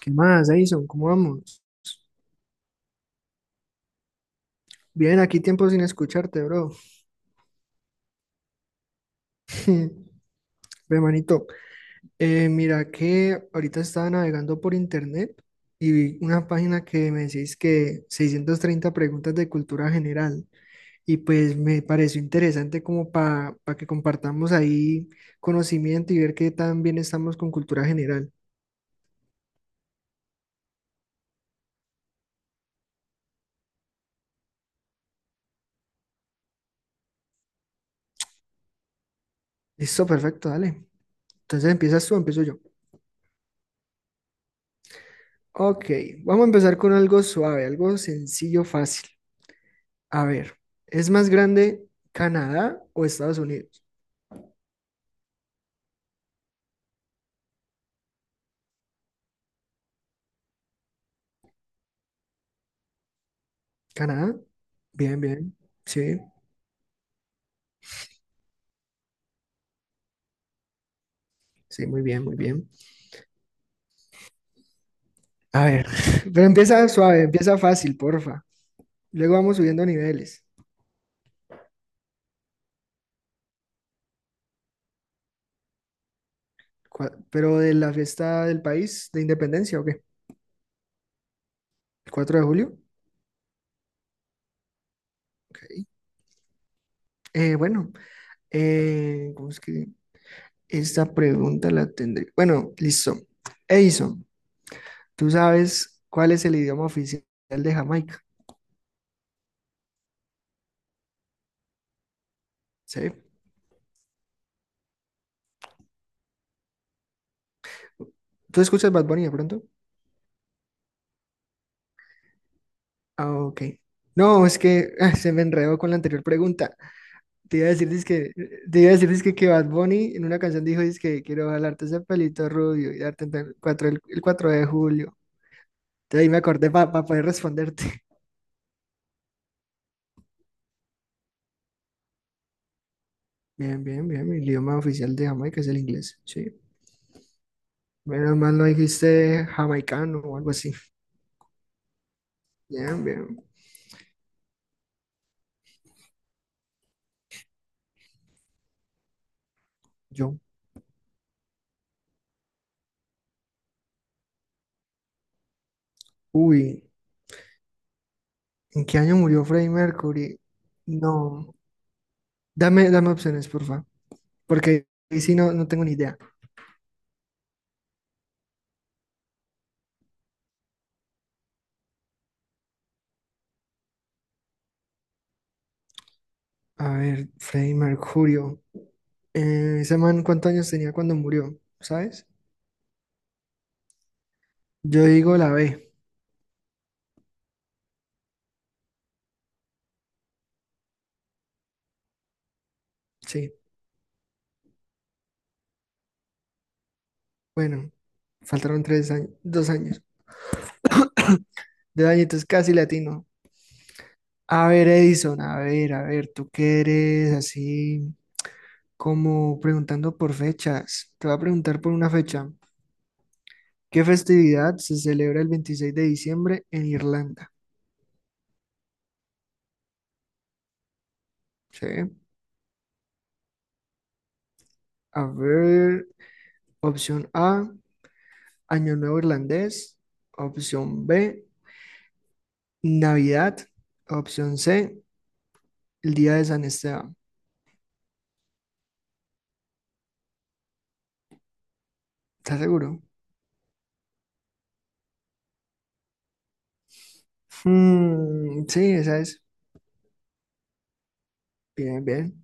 ¿Qué más, Edison? ¿Cómo vamos? Bien, aquí tiempo sin escucharte, bro. Ve, manito. Mira que ahorita estaba navegando por internet y vi una página que me decís que 630 preguntas de cultura general. Y pues me pareció interesante como para que compartamos ahí conocimiento y ver qué tan bien estamos con cultura general. Listo, perfecto, dale. Entonces empiezas tú, o empiezo yo. Ok, vamos a empezar con algo suave, algo sencillo, fácil. A ver, ¿es más grande Canadá o Estados Unidos? Canadá. Bien, bien. Sí, sí, muy bien, muy bien. A ver, pero empieza suave, empieza fácil, porfa. Luego vamos subiendo niveles. Pero de la fiesta del país de independencia, ¿o qué? ¿El 4 de julio? Ok. Eh, bueno, ¿Cómo es que esta pregunta la tendré? Bueno, listo. Edison, ¿tú sabes cuál es el idioma oficial de Jamaica? ¿Sí? ¿Tú escuchas Bad Bunny de pronto? Ah, ok. No, es que se me enredó con la anterior pregunta. Te iba a decir, dizque- te iba a decir dizque que Bad Bunny en una canción dijo, que quiero jalarte ese pelito rubio y darte el 4 el 4 de julio. Entonces ahí me acordé para poder responderte. Bien, bien, bien. El idioma oficial de Jamaica es el inglés. Sí. Menos mal no dijiste jamaicano o algo así. Bien, bien. Yo. Uy, ¿en qué año murió Freddie Mercury? No. Dame, dame opciones, porfa. Porque ahí sí no tengo ni idea. A ver, Freddie Mercurio. Ese man, ¿cuántos años tenía cuando murió? ¿Sabes? Yo digo la B. Sí. Bueno, faltaron tres años, dos años. De añitos casi latino. A ver, Edison, a ver, tú qué eres así como preguntando por fechas. Te voy a preguntar por una fecha. ¿Qué festividad se celebra el 26 de diciembre en Irlanda? Sí. A ver, opción A, Año Nuevo Irlandés. Opción B. Navidad, opción C, el día de San Esteban. ¿Estás seguro? Mm, sí, esa es. Bien, bien.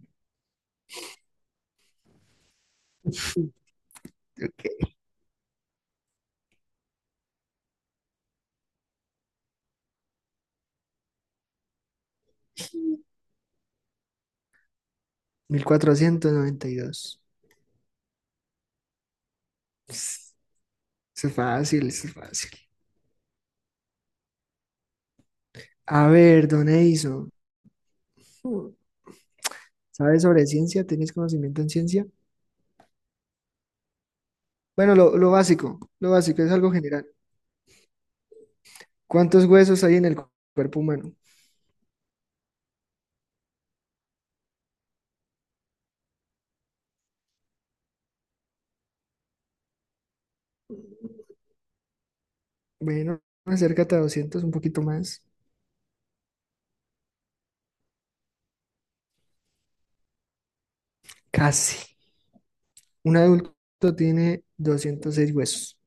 Ok. 1492. Pss, eso es fácil, eso es fácil. A ver, don Edison, hmm, ¿sabes sobre ciencia? ¿Tienes conocimiento en ciencia? Bueno, lo básico es algo general. ¿Cuántos huesos hay en el cuerpo humano? Bueno, acércate a 200, un poquito más. Casi. Un adulto tiene 206 huesos.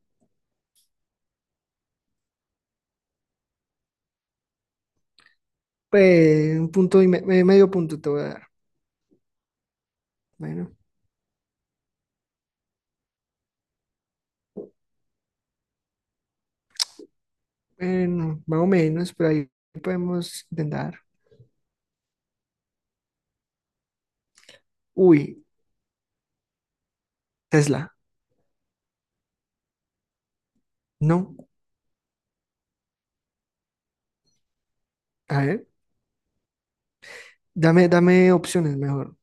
Pues un punto y medio punto te voy a dar. Bueno, bueno, más o menos, pero ahí podemos intentar. Uy, Tesla. No. A ver, dame, dame opciones mejor.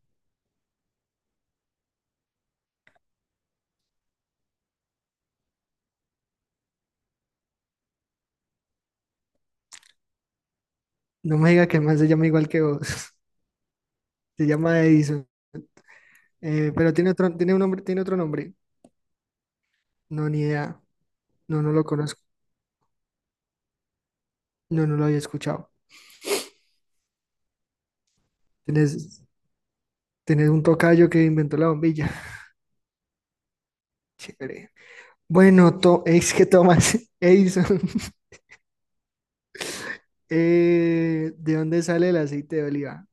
No me diga que más se llama igual que vos. Se llama Edison. Pero tiene otro, tiene un nombre, tiene otro nombre. No, ni idea. No, no lo conozco. No, no lo había escuchado. Tienes, tienes un tocayo que inventó la bombilla. Chévere. Bueno, es que Tomás Edison. ¿De dónde sale el aceite de oliva?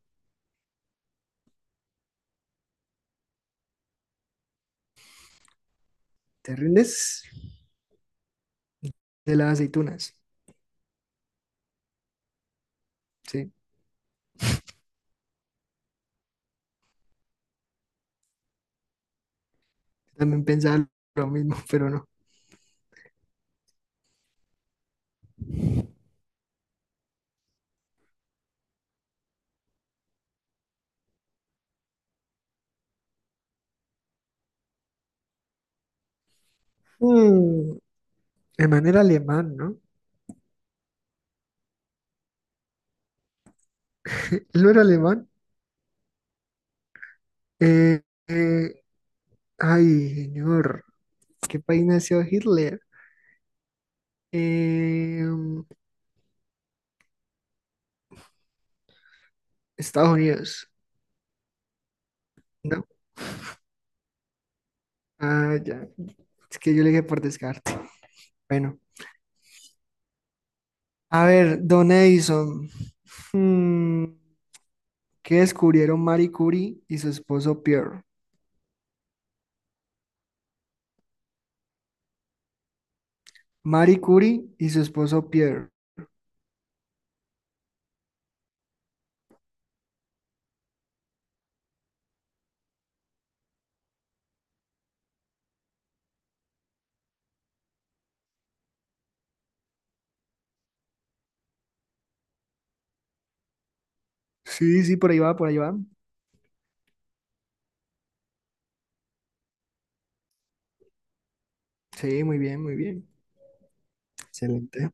¿Te rindes? De las aceitunas. Sí, también pensaba lo mismo, pero no. Mm, el man era alemán, ¿no? Él no era alemán. Eh, eh, ay, señor. ¿Qué país nació Hitler? Eh, Estados Unidos. No. Ah, ya. Es que yo le dije por descarte. Bueno. A ver, Don Edison. Mm, ¿qué descubrieron Marie Curie y su esposo Pierre? Marie Curie y su esposo Pierre. Sí, sí, por ahí va, por ahí va. Sí, muy bien, muy bien. Excelente.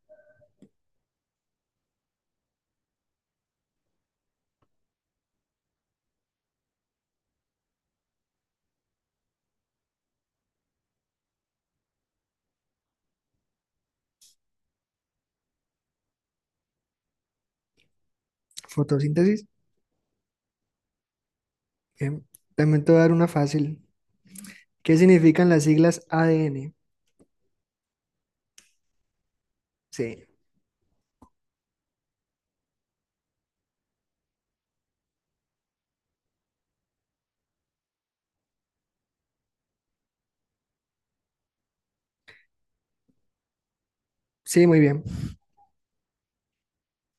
Fotosíntesis. Bien. También te voy a dar una fácil. ¿Qué significan las siglas ADN? Sí, sí, muy bien.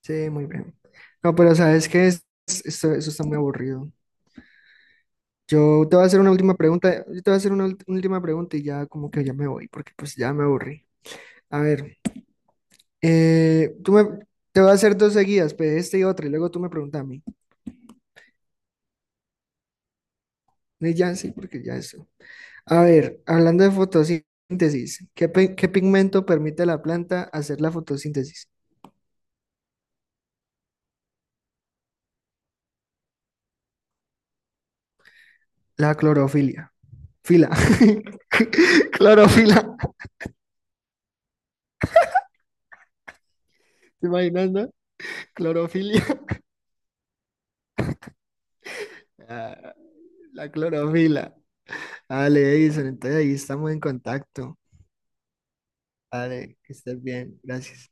Sí, muy bien. No, pero sabes que eso está muy aburrido. Yo te voy a hacer una última pregunta. Yo te voy a hacer una última pregunta y ya como que ya me voy, porque pues ya me aburrí. A ver, eh, tú me, te voy a hacer dos seguidas, pues, este y otra, y luego tú me preguntas a mí. Y ya sí, porque ya eso. A ver, hablando de fotosíntesis, ¿qué pigmento permite a la planta hacer la fotosíntesis? La clorofilia. Fila. Clorofila. ¿Te imaginas, no? Clorofilia. Ah, la clorofila. Dale, Edison, entonces ahí estamos en contacto. Dale, que estés bien. Gracias.